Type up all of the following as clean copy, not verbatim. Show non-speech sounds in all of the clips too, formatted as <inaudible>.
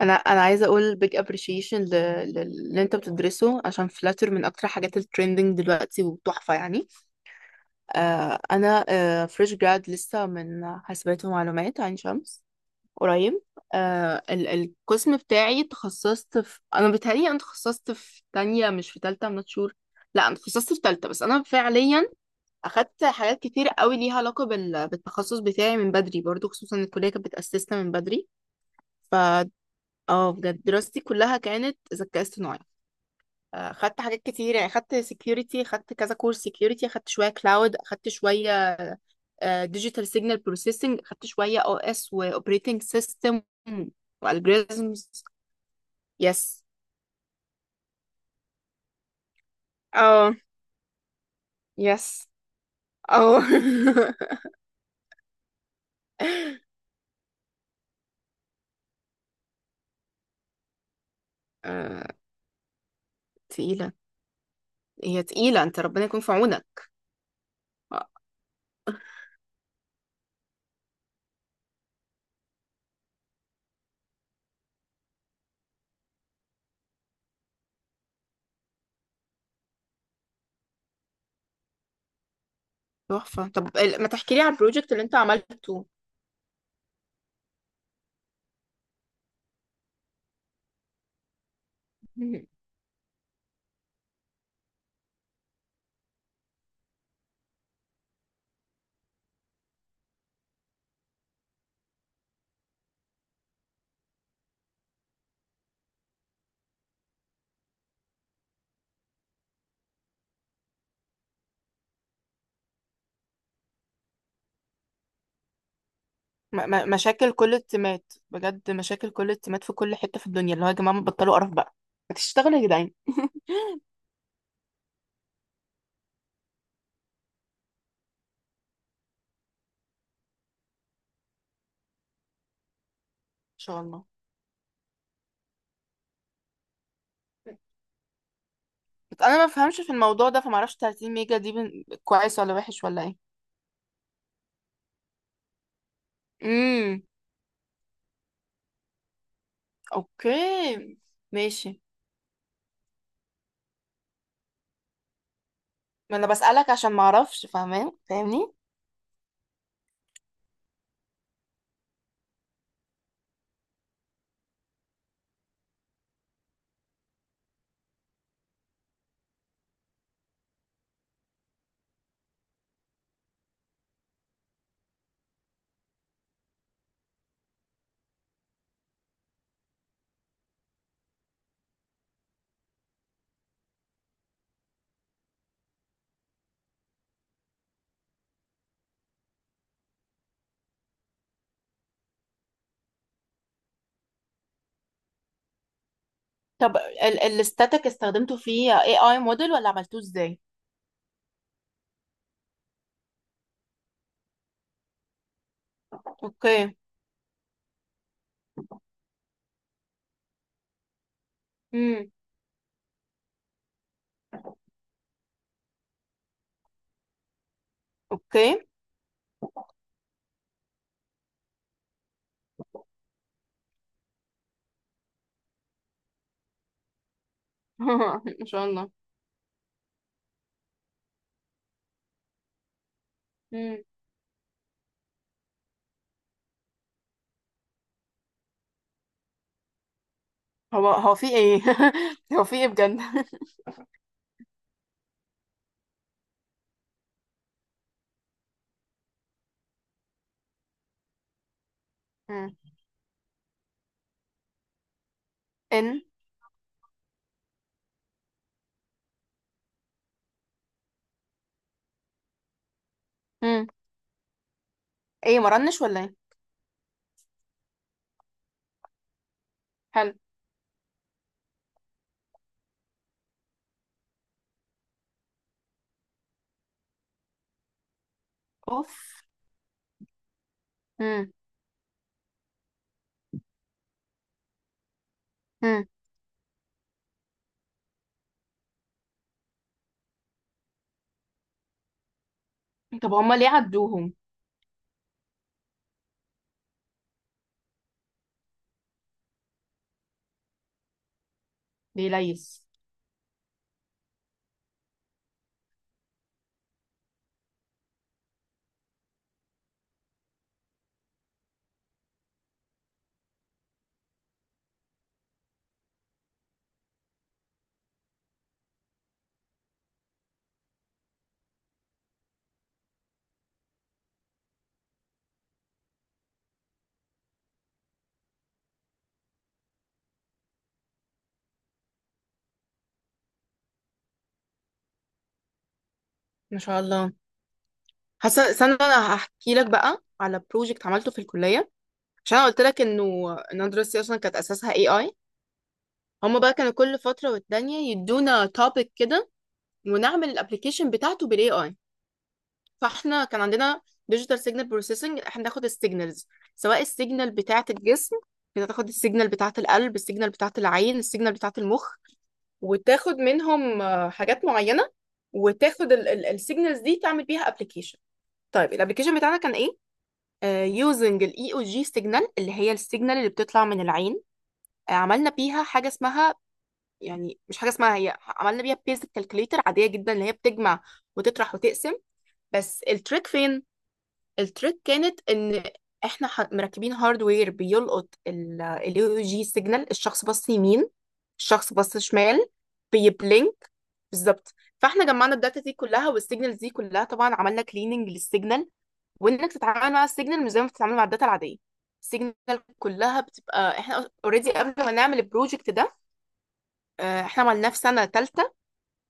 انا عايزه اقول big appreciation ل- للي انت بتدرسه عشان فلاتر من اكتر حاجات الترندنج دلوقتي وتحفه يعني. انا فريش جراد لسه من حاسبات ومعلومات عين شمس قريب. القسم بتاعي، تخصصت في، انا بيتهيألي انا تخصصت في تانية مش في تالتة. I'm not sure. لا انا تخصصت في تالتة، بس انا فعليا اخدت حاجات كتير قوي ليها علاقه بالتخصص بتاعي من بدري برضو، خصوصا إن الكليه كانت بتاسسنا من بدري. اه، بجد دراستي كلها كانت ذكاء اصطناعي. خدت حاجات كتير يعني، خدت سكيورتي، خدت كذا كورس سكيورتي، خدت شويه كلاود، خدت شويه ديجيتال سيجنال بروسيسنج، خدت شويه او اس واوبريتنج سيستم والجوريزمز. يس. اه. يس. اه. <laughs> آه، تقيله. هي تقيله، انت ربنا يكون في عونك. آه، تحفه. طب، ما تحكي لي عن البروجكت اللي انت عملته؟ مشاكل كل التيمات، بجد مشاكل كل التيمات في كل حتة في الدنيا. اللي هو، يا جماعة بطلوا قرف بقى، هتشتغلوا يا جدعان ان شاء الله. بس انا ما بفهمش في الموضوع ده، فما اعرفش 30 ميجا دي كويس ولا وحش ولا ايه؟ امم. اوكي. ماشي. ما انا بسألك عشان ما اعرفش، فاهمين؟ فاهمني. طب، الستاتيك استخدمته فيه اي اي موديل ولا عملتوه ازاي؟ اوكي. امم. اوكي. <laughs> ان شاء الله. امم. هو في ايه؟ <laughs> هو في ايه بجد؟ <laughs> مم. ان. مم. ايه، مرنش ولا ايه؟ حلو. اوف. امم. امم. طب هما ليه عدوهم؟ ليه ليس. ما شاء الله. حاسه... استنى، انا هحكي لك بقى على بروجكت عملته في الكليه، عشان انا قلت لك انه انا دراستي اصلا كانت اساسها اي اي. هما بقى كانوا كل فتره والتانيه يدونا توبيك كده، ونعمل الابلكيشن بتاعته بالاي اي. فاحنا كان عندنا ديجيتال سيجنال بروسيسنج، احنا بناخد السيجنالز، سواء السيجنال بتاعه الجسم، بتاخد السيجنال بتاعه القلب، السيجنال بتاعه العين، السيجنال بتاعه المخ. وتاخد منهم حاجات معينة، وتاخد السيجنالز دي تعمل بيها ابلكيشن. طيب، الابلكيشن بتاعنا كان ايه؟ يوزنج الاي او جي سيجنال اللي هي السيجنال اللي بتطلع من العين. عملنا بيها حاجة اسمها، يعني مش حاجة اسمها. هي عملنا بيها بيزك كالكوليتر عادية جدا، اللي هي بتجمع وتطرح وتقسم. بس التريك فين؟ التريك كانت ان احنا مركبين هاردوير بيلقط الاي او جي سيجنال. الشخص بص يمين، الشخص بص شمال، بيبلينك. بالظبط. فاحنا جمعنا الداتا دي كلها والسيجنالز دي كلها، طبعا عملنا كليننج للسيجنال، وانك تتعامل مع السيجنال مش زي ما بتتعامل مع الداتا العاديه. السيجنال كلها بتبقى... احنا اوريدي قبل ما نعمل البروجكت ده، احنا عملناه في سنه ثالثه،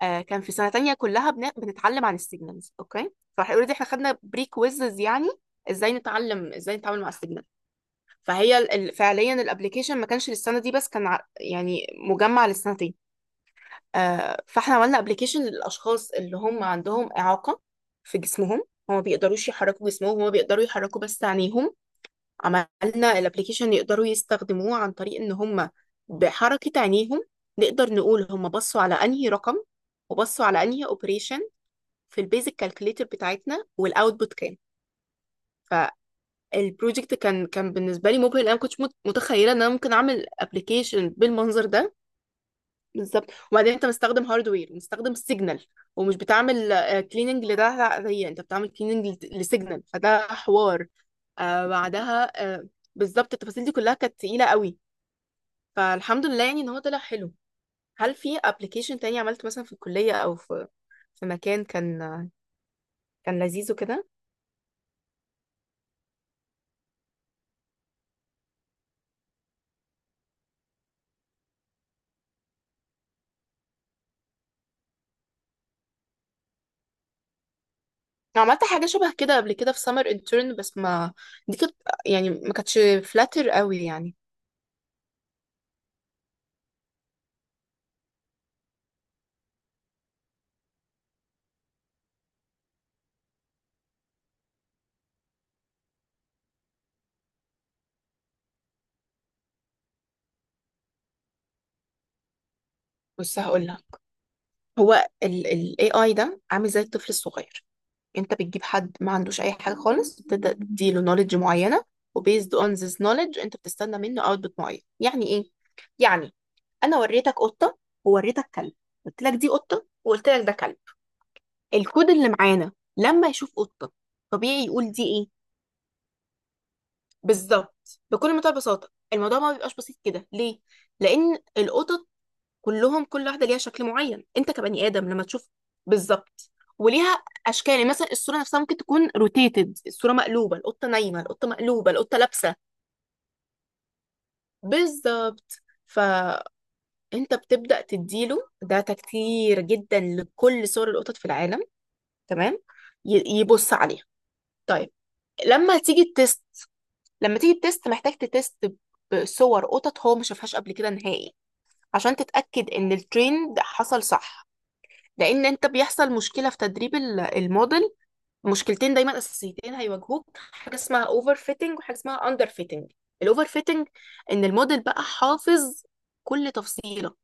كان في سنه تانية كلها بنتعلم عن السيجنالز. اوكي. فاوريدي احنا خدنا بري كويزز، يعني ازاي نتعلم، ازاي نتعامل مع السيجنال. فهي، فعليا الابلكيشن ما كانش للسنه دي بس كان يعني مجمع للسنتين. فاحنا عملنا ابلكيشن للاشخاص اللي هم عندهم اعاقه في جسمهم، هم ما بيقدروش يحركوا جسمهم، هم بيقدروا يحركوا بس عينيهم. عملنا الابلكيشن يقدروا يستخدموه عن طريق ان هم بحركه عينيهم نقدر نقول هم بصوا على انهي رقم، وبصوا على انهي اوبريشن في البيزك كالكوليتر بتاعتنا، والاوتبوت كام. فالبروجكت كان بالنسبه لي مبهر، لأن انا ما كنتش متخيله ان انا ممكن اعمل ابلكيشن بالمنظر ده. بالظبط، وبعدين انت مستخدم هاردوير، مستخدم سيجنال، ومش بتعمل كليننج لده. هي انت بتعمل كليننج لسيجنال، فده حوار. بعدها بالظبط. التفاصيل دي كلها كانت تقيلة قوي، فالحمد لله يعني ان هو طلع حلو. هل في ابلكيشن تاني عملت مثلا في الكلية او في مكان كان لذيذ وكده؟ عملت حاجة شبه كده قبل كده في سمر انترن، بس ما دي كانت يعني، ما كانتش فلاتر قوي يعني. بص هقول لك، هو ال AI ده عامل زي الطفل الصغير. انت بتجيب حد ما عندوش اي حاجه خالص، بتبدا تديله نوليدج معينه، وبيزد اون ذيس نوليدج انت بتستنى منه اوتبوت معين. يعني ايه؟ يعني انا وريتك قطه ووريتك كلب، قلت لك دي قطه وقلت لك ده كلب. الكود اللي معانا لما يشوف قطه طبيعي يقول دي ايه. بالظبط، بكل منتهى البساطه. الموضوع ما بيبقاش بسيط كده ليه؟ لان القطط كلهم كل واحده ليها شكل معين، انت كبني ادم لما تشوف بالظبط، وليها اشكال. يعني مثلا الصوره نفسها ممكن تكون روتيتد، الصوره مقلوبه، القطه نايمه، القطه مقلوبه، القطه لابسه. بالظبط. فانت بتبدا تديله داتا كتير جدا لكل صور القطط في العالم. تمام. يبص عليها. طيب، لما تيجي التست لما تيجي التست محتاج تتست بصور قطط هو ما شافهاش قبل كده نهائي، عشان تتاكد ان الترند حصل صح. لان انت بيحصل مشكله في تدريب الموديل. مشكلتين دايما اساسيتين هيواجهوك، حاجه اسمها اوفر فيتنج وحاجه اسمها اندر فيتنج. الاوفر فيتنج، ان الموديل بقى حافظ كل تفصيله،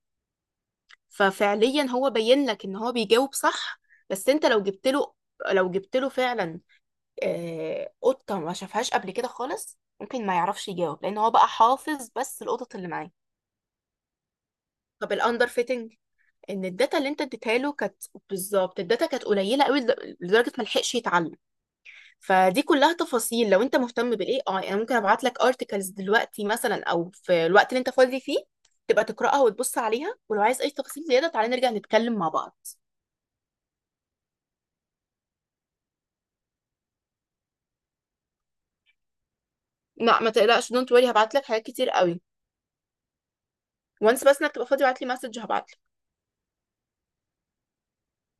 ففعليا هو بين لك ان هو بيجاوب صح. بس انت لو جبت له فعلا قطه ما شافهاش قبل كده خالص، ممكن ما يعرفش يجاوب، لان هو بقى حافظ بس القطط اللي معاه. طب الاندر فيتنج، ان الداتا اللي انت اديتها له كانت... بالظبط، الداتا كانت قليله قوي، لدرجه ما لحقش يتعلم. فدي كلها تفاصيل. لو انت مهتم بالاي اي انا ممكن ابعت لك ارتكلز دلوقتي مثلا، او في الوقت اللي انت فاضي فيه تبقى تقراها وتبص عليها، ولو عايز اي تفاصيل زياده تعالى نرجع نتكلم مع بعض. لا، ما تقلقش، دونت وري، هبعت لك حاجات كتير قوي. وانس بس انك تبقى فاضي ابعت لي مسج هبعت.